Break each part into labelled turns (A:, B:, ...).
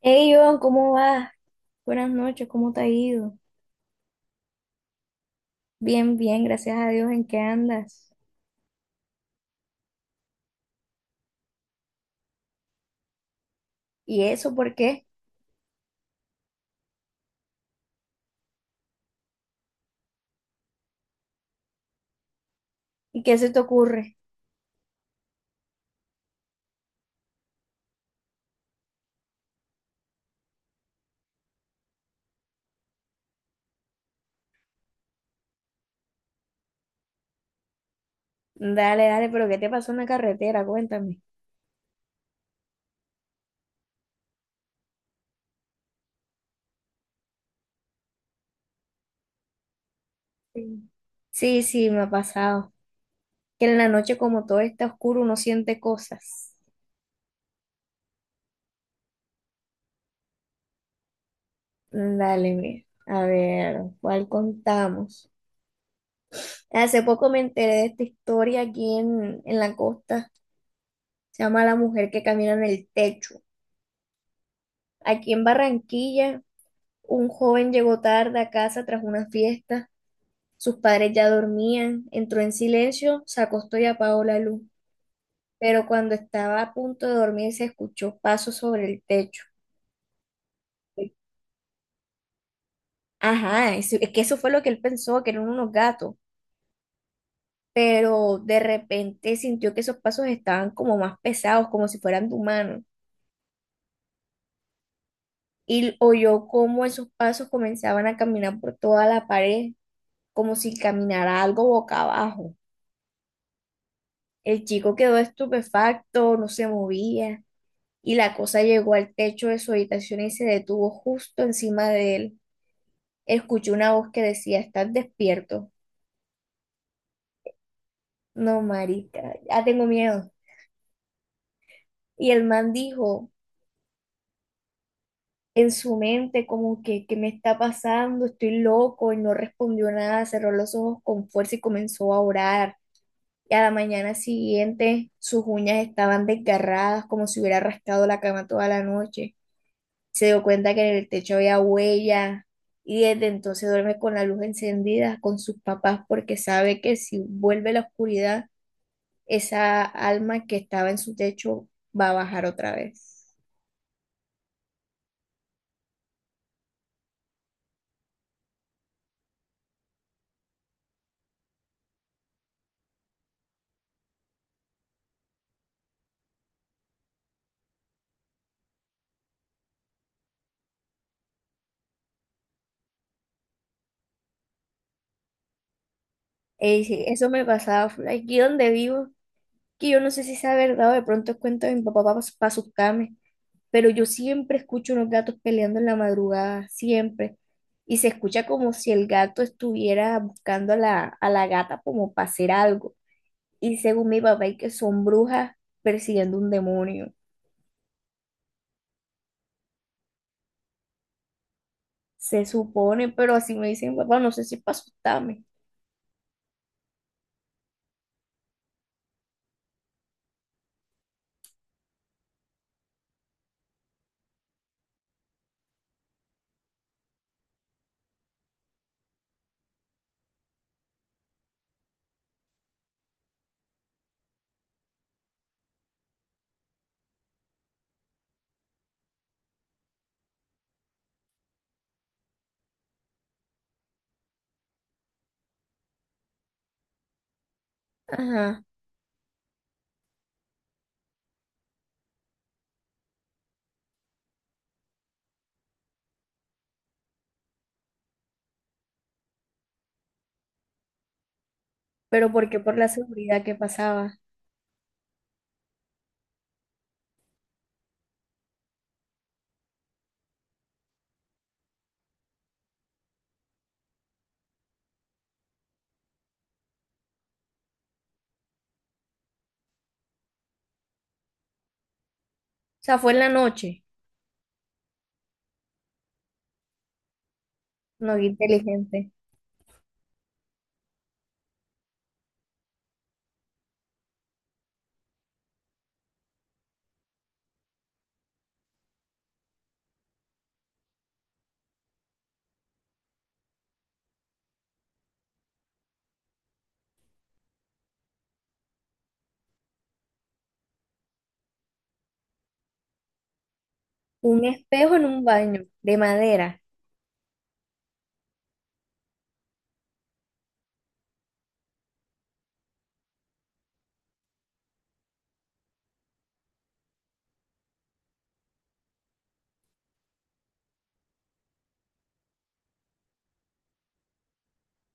A: Hey, Iván, ¿cómo vas? Buenas noches, ¿cómo te ha ido? Bien, bien, gracias a Dios, ¿en qué andas? ¿Y eso por qué? ¿Y qué se te ocurre? Dale, dale, pero ¿qué te pasó en la carretera? Cuéntame. Sí, sí, sí, me ha pasado. Que en la noche, como todo está oscuro, uno siente cosas. Dale, mira. A ver, ¿cuál contamos? Hace poco me enteré de esta historia aquí en la costa. Se llama La mujer que camina en el techo. Aquí en Barranquilla. Un joven llegó tarde a casa tras una fiesta. Sus padres ya dormían. Entró en silencio, se acostó y apagó la luz. Pero cuando estaba a punto de dormir, se escuchó pasos sobre el techo. Ajá, es que eso fue lo que él pensó, que eran unos gatos. Pero de repente sintió que esos pasos estaban como más pesados, como si fueran de humanos. Y oyó cómo esos pasos comenzaban a caminar por toda la pared, como si caminara algo boca abajo. El chico quedó estupefacto, no se movía, y la cosa llegó al techo de su habitación y se detuvo justo encima de él. Escuchó una voz que decía, ¿estás despierto? No, marica, ya tengo miedo. Y el man dijo en su mente como que, ¿qué me está pasando? Estoy loco y no respondió nada, cerró los ojos con fuerza y comenzó a orar. Y a la mañana siguiente sus uñas estaban desgarradas como si hubiera rascado la cama toda la noche. Se dio cuenta que en el techo había huella y desde entonces duerme con la luz encendida con sus papás porque sabe que si vuelve la oscuridad, esa alma que estaba en su techo va a bajar otra vez. E dice, eso me pasaba full aquí donde vivo, que yo no sé si sea verdad o de pronto es cuento de mi papá para pa asustarme, pero yo siempre escucho unos gatos peleando en la madrugada, siempre. Y se escucha como si el gato estuviera buscando a la gata como para hacer algo. Y según mi papá, y que son brujas persiguiendo un demonio. Se supone, pero así me dicen, papá, no sé si para asustarme. Ajá, pero ¿por qué? Por la seguridad que pasaba. O sea, fue en la noche. No, qué inteligente. Un espejo en un baño de madera,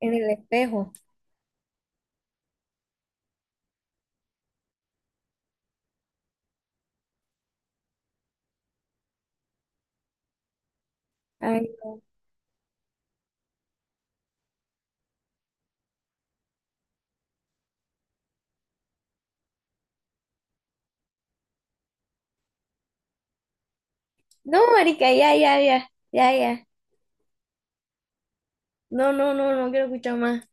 A: en el espejo. Ay, no, marica, ya, ya, ya, ya, ya. No, no, no, no quiero escuchar más.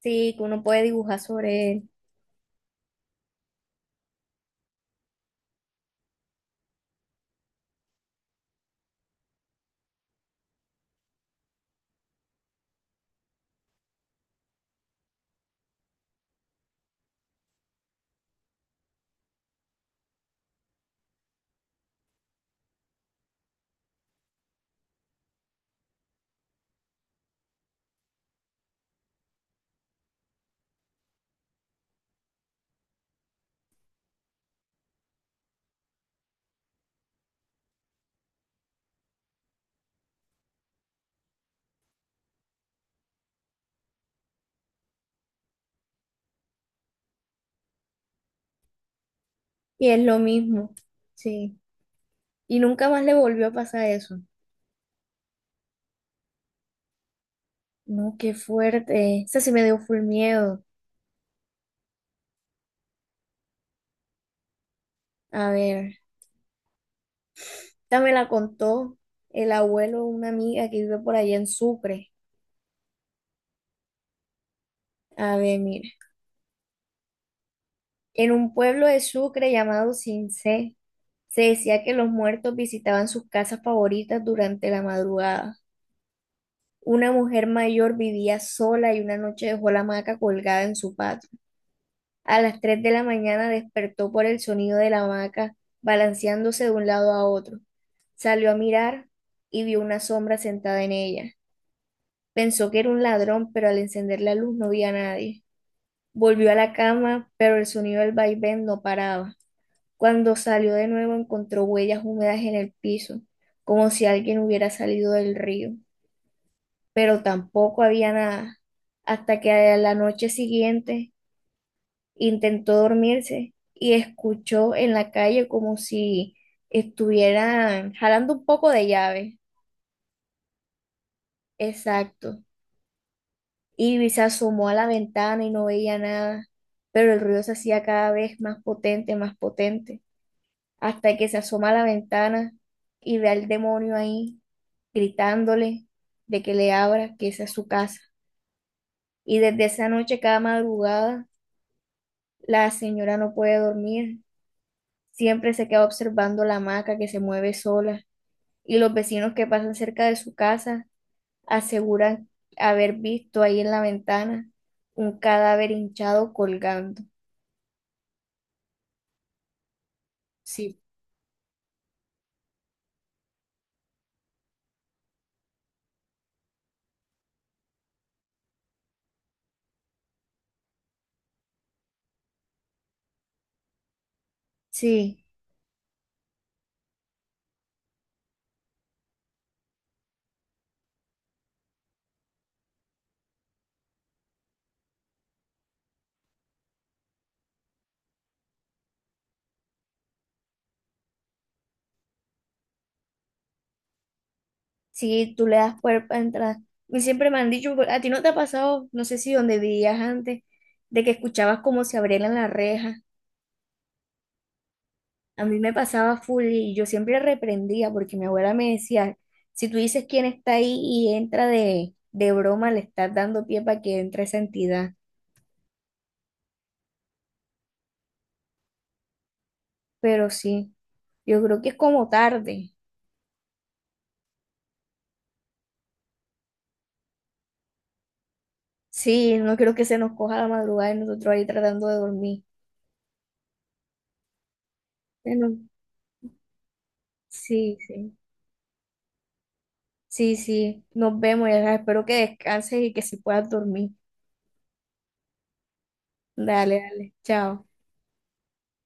A: Sí, que uno puede dibujar sobre él. Y es lo mismo. Sí. Y nunca más le volvió a pasar eso. No, qué fuerte. Esa sí me dio full miedo. A ver, esta me la contó el abuelo de una amiga que vive por allá en Sucre. A ver, mira. En un pueblo de Sucre llamado Cincé, se decía que los muertos visitaban sus casas favoritas durante la madrugada. Una mujer mayor vivía sola y una noche dejó la hamaca colgada en su patio. A las 3 de la mañana despertó por el sonido de la hamaca balanceándose de un lado a otro. Salió a mirar y vio una sombra sentada en ella. Pensó que era un ladrón, pero al encender la luz no vi a nadie. Volvió a la cama, pero el sonido del vaivén no paraba. Cuando salió de nuevo encontró huellas húmedas en el piso, como si alguien hubiera salido del río, pero tampoco había nada. Hasta que a la noche siguiente intentó dormirse y escuchó en la calle como si estuvieran jalando un poco de llave. Exacto. Ivy se asomó a la ventana y no veía nada, pero el ruido se hacía cada vez más potente, hasta que se asoma a la ventana y ve al demonio ahí gritándole de que le abra, que esa es su casa. Y desde esa noche, cada madrugada, la señora no puede dormir, siempre se queda observando la hamaca que se mueve sola y los vecinos que pasan cerca de su casa aseguran haber visto ahí en la ventana un cadáver hinchado colgando. Sí, sí, sí, tú le das cuerpo a entrar. Y siempre me han dicho, a ti no te ha pasado, no sé si donde vivías antes, de que escuchabas como se abrieran las rejas. A mí me pasaba full y yo siempre reprendía porque mi abuela me decía, si tú dices quién está ahí y entra de broma, le estás dando pie para que entre esa entidad. Pero sí, yo creo que es como tarde. Sí, no creo que se nos coja la madrugada y nosotros ahí tratando de dormir. Bueno, sí, sí. Sí, sí, nos vemos, ya sabes, espero que descanses y que si puedas dormir. Dale, dale, chao.